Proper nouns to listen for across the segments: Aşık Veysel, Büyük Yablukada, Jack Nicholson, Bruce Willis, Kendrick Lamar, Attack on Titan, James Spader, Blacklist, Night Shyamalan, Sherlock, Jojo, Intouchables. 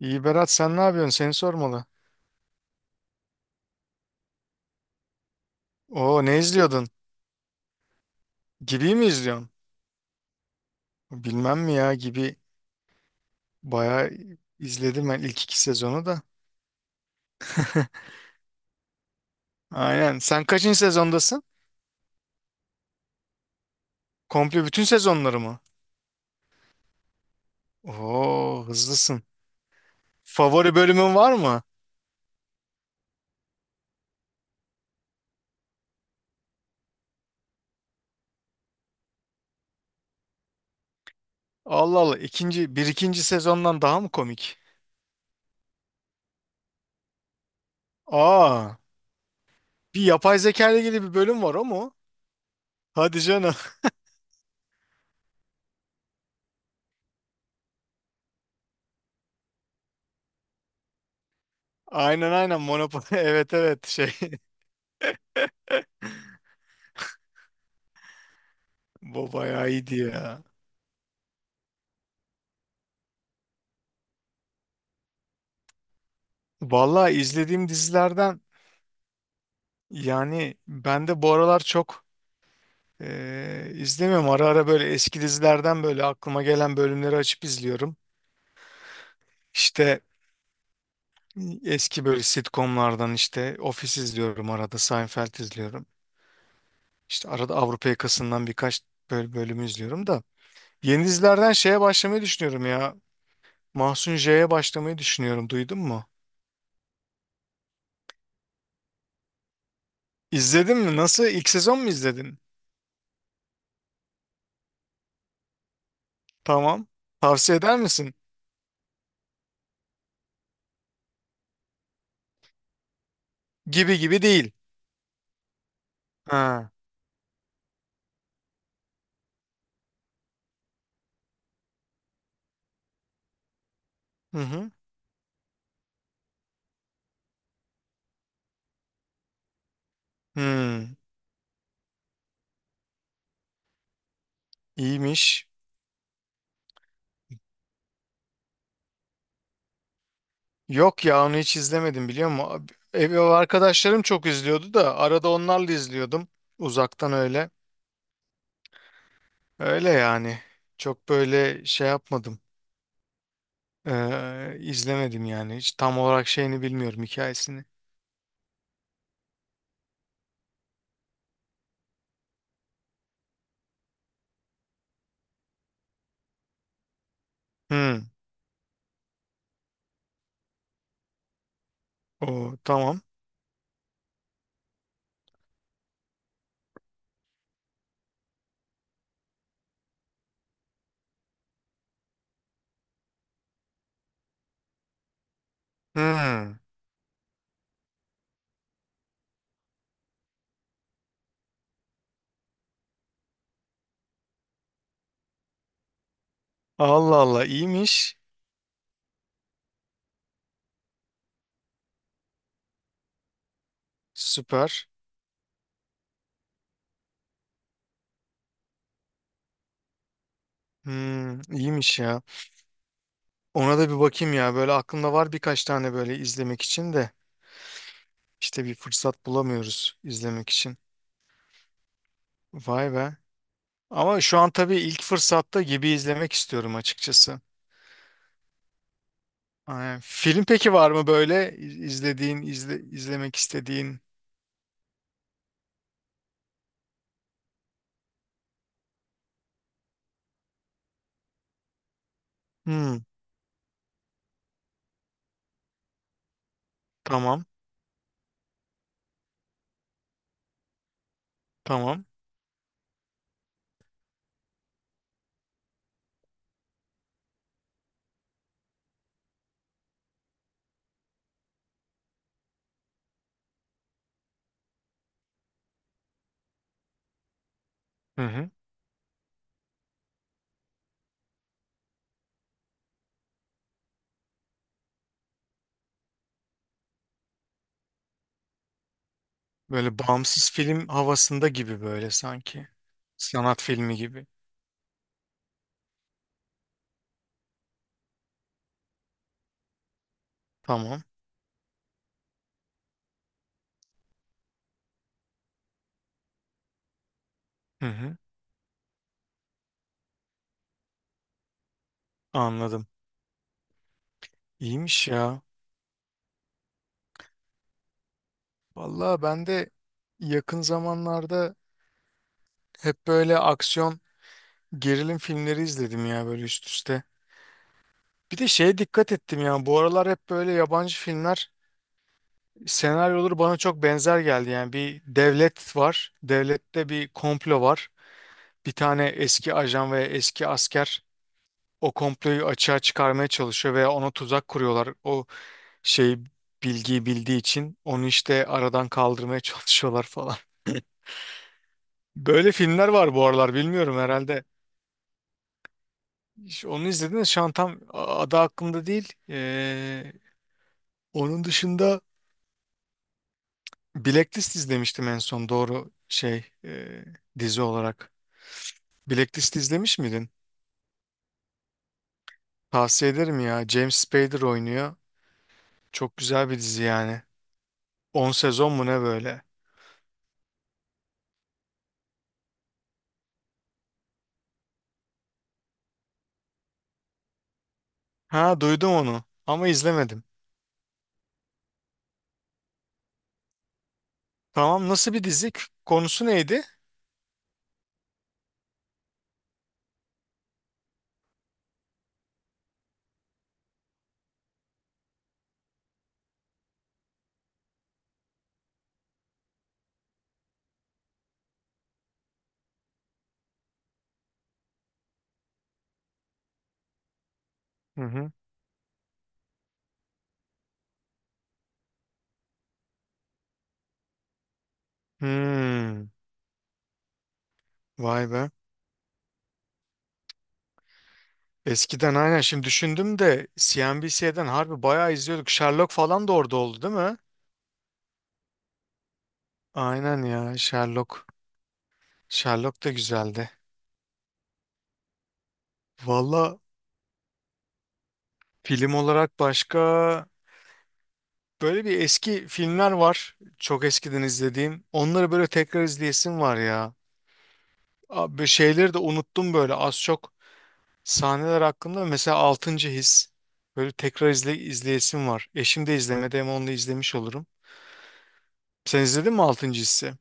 İyi Berat, sen ne yapıyorsun? Seni sormalı. Oo, ne izliyordun? Gibi mi izliyorsun? Bilmem mi ya Gibi, bayağı izledim ben, ilk iki sezonu da. Aynen. Sen kaçıncı sezondasın? Komple bütün sezonları mı? Oo, hızlısın. Favori bölümün var mı? Allah Allah, ikinci sezondan daha mı komik? Aa, bir yapay zeka ile ilgili bir bölüm var, o mu? Hadi canım. Aynen, aynen Monopoly. Evet, evet, şey. Bu bayağı iyiydi ya. Vallahi, izlediğim dizilerden yani ben de bu aralar çok izlemiyorum. Ara ara böyle eski dizilerden böyle aklıma gelen bölümleri açıp izliyorum. İşte eski böyle sitcomlardan, işte Office izliyorum arada, Seinfeld izliyorum. İşte arada Avrupa Yakası'ndan birkaç böyle bölümü izliyorum da. Yeni dizilerden şeye başlamayı düşünüyorum ya. Mahsun J'ye başlamayı düşünüyorum. Duydun mu? İzledin mi? Nasıl? İlk sezon mu izledin? Tamam. Tavsiye eder misin? Gibi gibi değil. Ha. Hı hı. Hmm. İyiymiş. Yok ya, onu hiç izlemedim, biliyor musun? Abi- Ev arkadaşlarım çok izliyordu da arada onlarla izliyordum. Uzaktan öyle. Öyle yani. Çok böyle şey yapmadım. İzlemedim yani. Hiç tam olarak şeyini bilmiyorum, hikayesini. Hmm. O tamam. Hmm. Allah Allah, iyiymiş. Süper. Hmm, iyiymiş ya. Ona da bir bakayım ya. Böyle aklımda var birkaç tane böyle izlemek için de. İşte bir fırsat bulamıyoruz izlemek için. Vay be. Ama şu an tabii ilk fırsatta Gibi izlemek istiyorum açıkçası. Aynen. Film peki var mı böyle iz- izlediğin, izle, izlemek istediğin? Hmm, tamam, tamam. Hı hı. Böyle bağımsız film havasında gibi böyle sanki. Sanat filmi gibi. Tamam. Hı hı. Anladım. İyiymiş ya. Vallahi, ben de yakın zamanlarda hep böyle aksiyon, gerilim filmleri izledim ya böyle üst üste. Bir de şeye dikkat ettim ya. Bu aralar hep böyle yabancı filmler, senaryoları bana çok benzer geldi. Yani bir devlet var. Devlette bir komplo var. Bir tane eski ajan ve eski asker o komployu açığa çıkarmaya çalışıyor veya ona tuzak kuruyorlar. O şey, bilgiyi bildiği için onu işte aradan kaldırmaya çalışıyorlar falan. Böyle filmler var bu aralar, bilmiyorum herhalde. İşte onu izlediniz, şu an tam adı aklımda değil. Onun dışında Blacklist izlemiştim en son, doğru şey, dizi olarak. Blacklist izlemiş miydin? Tavsiye ederim ya. James Spader oynuyor. Çok güzel bir dizi yani. 10 sezon mu ne böyle? Ha, duydum onu ama izlemedim. Tamam, nasıl bir dizi? K- Konusu neydi? Hı hı. Hmm, vay be. Eskiden, aynen şimdi düşündüm de, CNBC'den harbi bayağı izliyorduk. Sherlock falan da orada oldu değil mi? Aynen ya, Sherlock. Sherlock da güzeldi. Valla, film olarak başka, böyle bir eski filmler var. Çok eskiden izlediğim. Onları böyle tekrar izleyesim var ya. Abi, şeyleri de unuttum böyle az çok. Sahneler hakkında, mesela Altıncı His. Böyle tekrar izle, izleyesim var. Eşim de izlemedi, ama onu da izlemiş olurum. Sen izledin mi Altıncı His'i?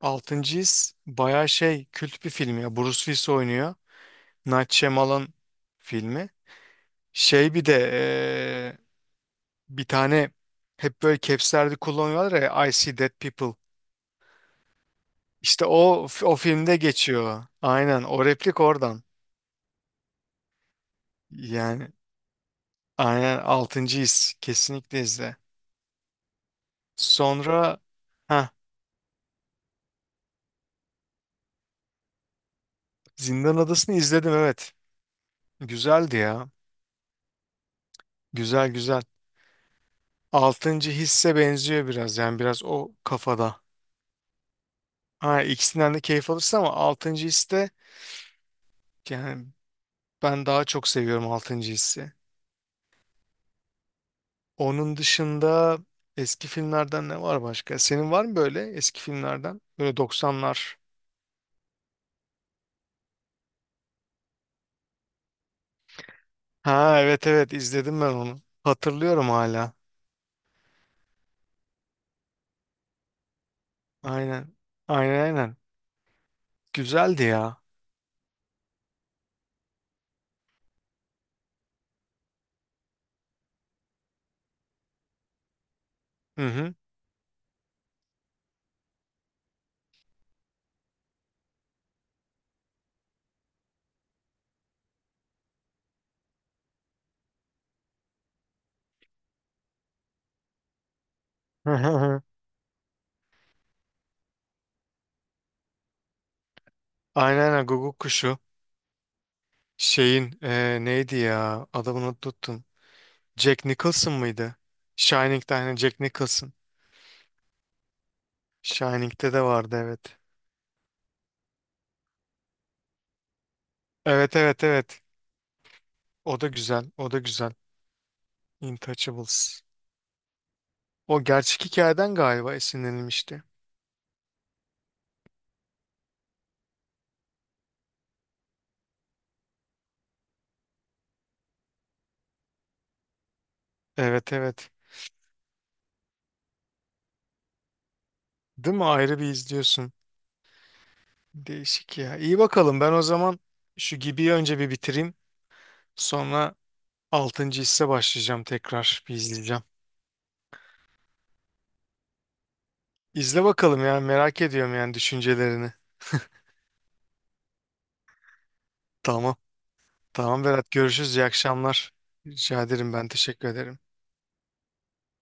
Altıncı His bayağı şey, kült bir film ya. Bruce Willis oynuyor. Night Shyamalan filmi. Şey, bir de bir tane hep böyle capslerde kullanıyorlar ya, I See Dead People. İşte o filmde geçiyor. Aynen, o replik oradan. Yani aynen, Altıncı His, kesinlikle izle. Sonra ha, Zindan Adası'nı izledim, evet. Güzeldi ya. Güzel, güzel. Altıncı Hisse benziyor biraz, yani biraz o kafada. Ha, ikisinden de keyif alırsın ama Altıncı His, yani ben daha çok seviyorum Altıncı Hissi. Onun dışında eski filmlerden ne var başka? Senin var mı böyle eski filmlerden? Böyle 90'lar. Ha evet, evet, izledim ben onu. Hatırlıyorum hala. Aynen. Aynen, aynen. Güzeldi ya. Hı hı. Aynen, aynen Guguk Kuşu. Şeyin neydi ya? Adamını unuttum. Jack Nicholson mıydı? Shining'de aynen Jack Nicholson. Shining'de de vardı, evet. Evet, evet, evet. O da güzel. O da güzel. Intouchables. O gerçek hikayeden galiba esinlenilmişti. Evet, evet. Değil mi? Ayrı bir izliyorsun. Değişik ya. İyi bakalım. Ben o zaman şu gibi önce bir bitireyim. Sonra Altıncı Hisse başlayacağım tekrar. Bir izleyeceğim. İzle bakalım ya. Merak ediyorum yani düşüncelerini. Tamam. Tamam Berat. Görüşürüz. İyi akşamlar. Rica ederim. Ben teşekkür ederim.